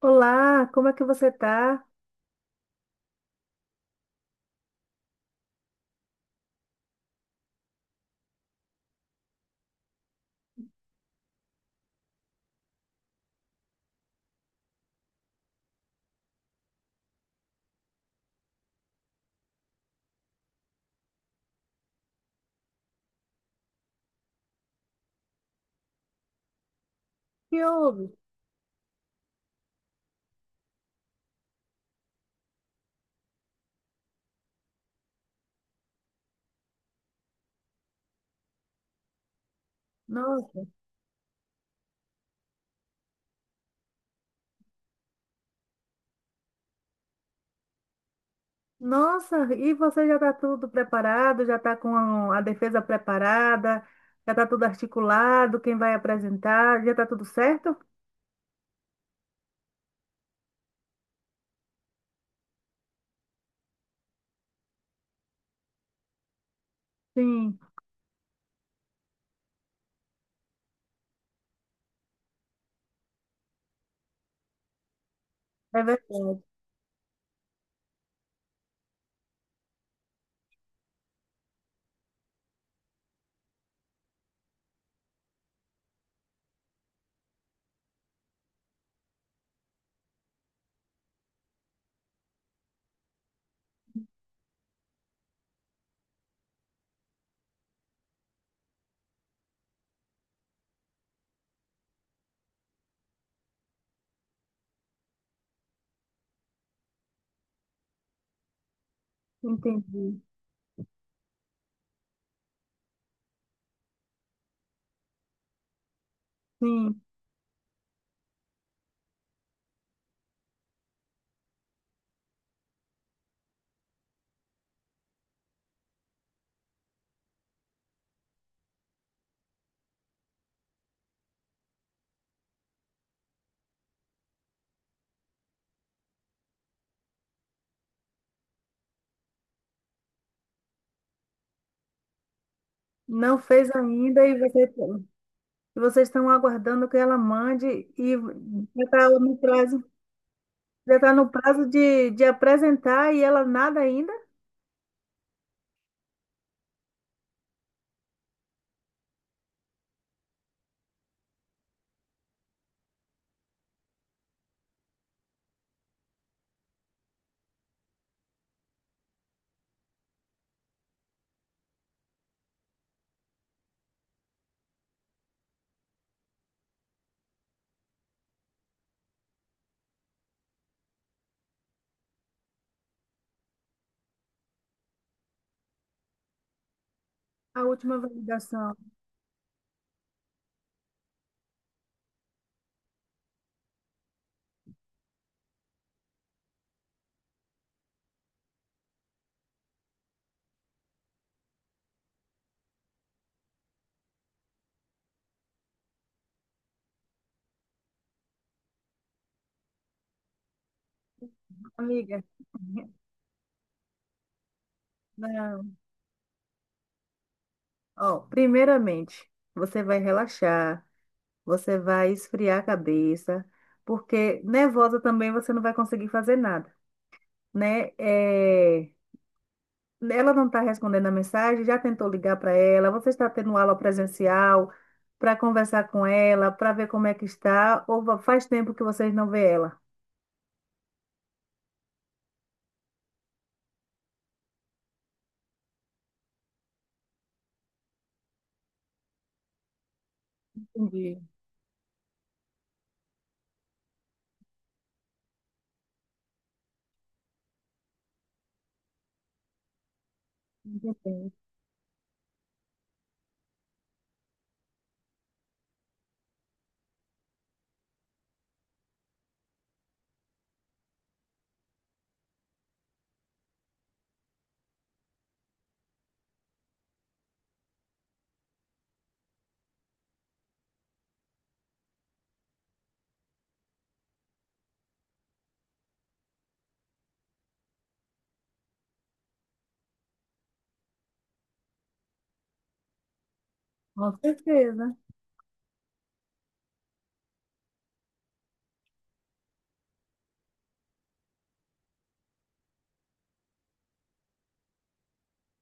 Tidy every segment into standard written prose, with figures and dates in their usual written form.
Olá, como é que você tá? Que houve? Nossa, nossa, e você já está tudo preparado? Já está com a, defesa preparada? Já está tudo articulado? Quem vai apresentar? Já está tudo certo? Sim, é verdade. Entendi. Sim, não fez ainda e e vocês estão aguardando que ela mande e já está no prazo, já tá no prazo de apresentar e ela nada ainda? A última validação, amiga. Não. Ó, primeiramente, você vai relaxar, você vai esfriar a cabeça, porque nervosa também você não vai conseguir fazer nada, né? É, ela não está respondendo a mensagem, já tentou ligar para ela, você está tendo aula presencial para conversar com ela, para ver como é que está, ou faz tempo que vocês não vê ela? Entendi. Entendi. Com certeza.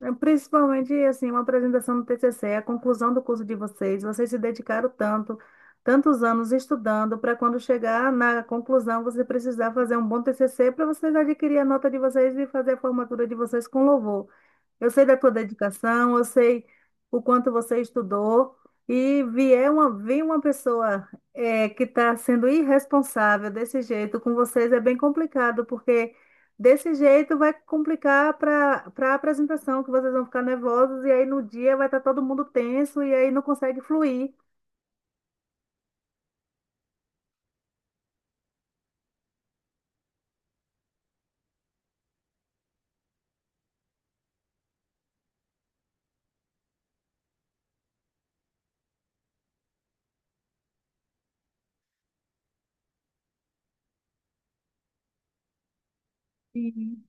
É, principalmente, assim, uma apresentação do TCC, a conclusão do curso de vocês, vocês se dedicaram tanto, tantos anos estudando, para quando chegar na conclusão, você precisar fazer um bom TCC para vocês adquirir a nota de vocês e fazer a formatura de vocês com louvor. Eu sei da tua dedicação, eu sei o quanto você estudou, e vir uma pessoa que está sendo irresponsável desse jeito com vocês é bem complicado, porque desse jeito vai complicar para a apresentação, que vocês vão ficar nervosos, e aí no dia vai estar todo mundo tenso, e aí não consegue fluir. Sim,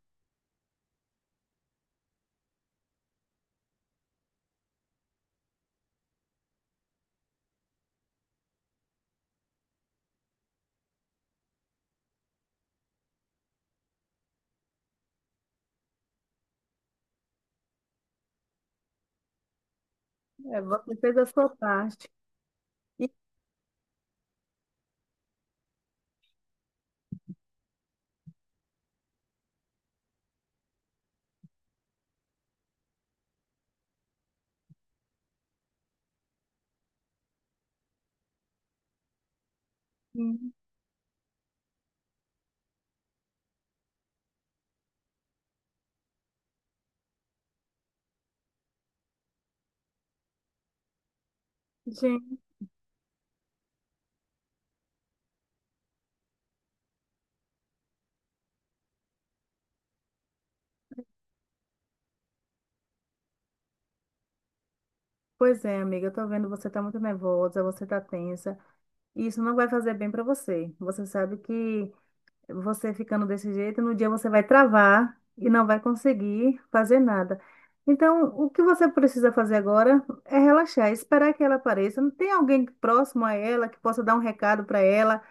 é, você fez a sua parte. E, sim. Gente, pois é, amiga, eu tô vendo você tá muito nervosa, você tá tensa. E isso não vai fazer bem para você. Você sabe que você ficando desse jeito, no dia você vai travar e não vai conseguir fazer nada. Então, o que você precisa fazer agora é relaxar, esperar que ela apareça. Não tem alguém próximo a ela que possa dar um recado para ela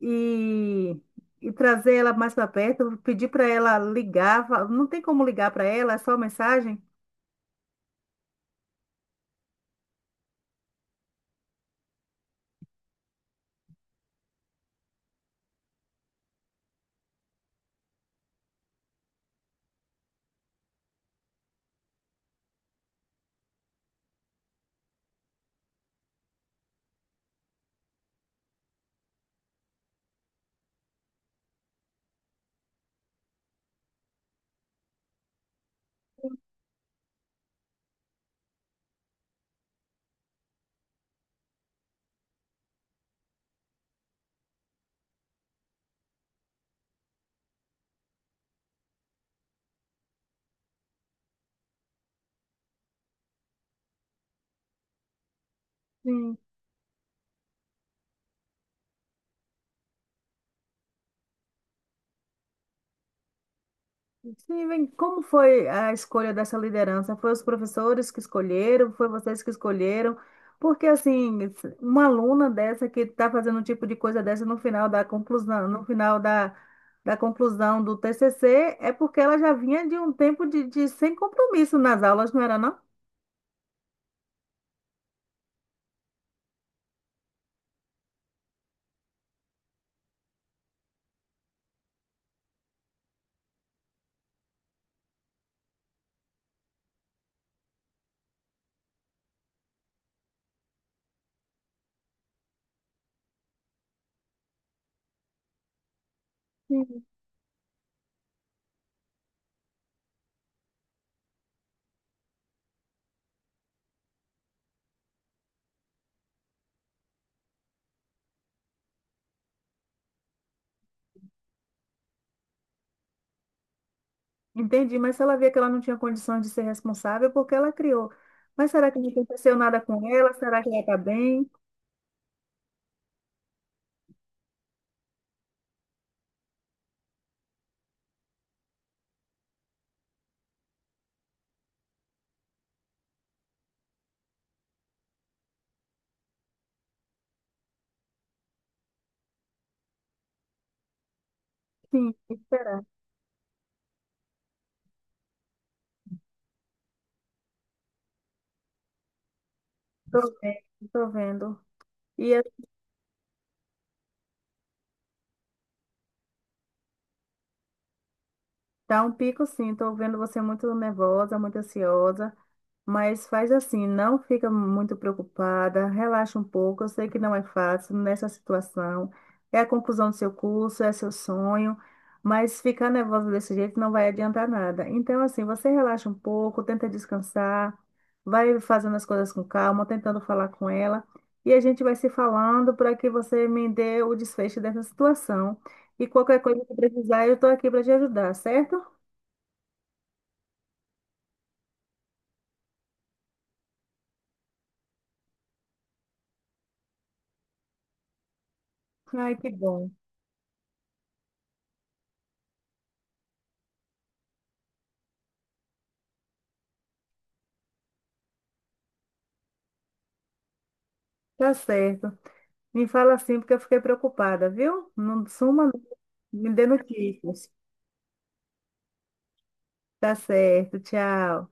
e, e trazer ela mais para perto, pedir para ela ligar. Não tem como ligar para ela, é só mensagem? Sim. Steven, como foi a escolha dessa liderança? Foi os professores que escolheram? Foi vocês que escolheram? Porque, assim, uma aluna dessa que está fazendo um tipo de coisa dessa no final da conclusão, no final da conclusão do TCC, é porque ela já vinha de um tempo de sem compromisso nas aulas, não era, não? Sim. Entendi, mas se ela via que ela não tinha condições de ser responsável, porque ela criou. Mas será que não aconteceu nada com ela? Será que ela está bem? Sim, será. Estou vendo, estou vendo. E tá um pico sim, tô vendo você muito nervosa, muito ansiosa, mas faz assim, não fica muito preocupada, relaxa um pouco. Eu sei que não é fácil nessa situação, é a conclusão do seu curso, é seu sonho, mas ficar nervosa desse jeito não vai adiantar nada. Então, assim, você relaxa um pouco, tenta descansar, vai fazendo as coisas com calma, tentando falar com ela, e a gente vai se falando para que você me dê o desfecho dessa situação. E qualquer coisa que precisar, eu estou aqui para te ajudar, certo? Ai, que bom. Tá certo. Me fala assim, porque eu fiquei preocupada, viu? Não suma, não. Me dê notícias. Tá certo. Tchau.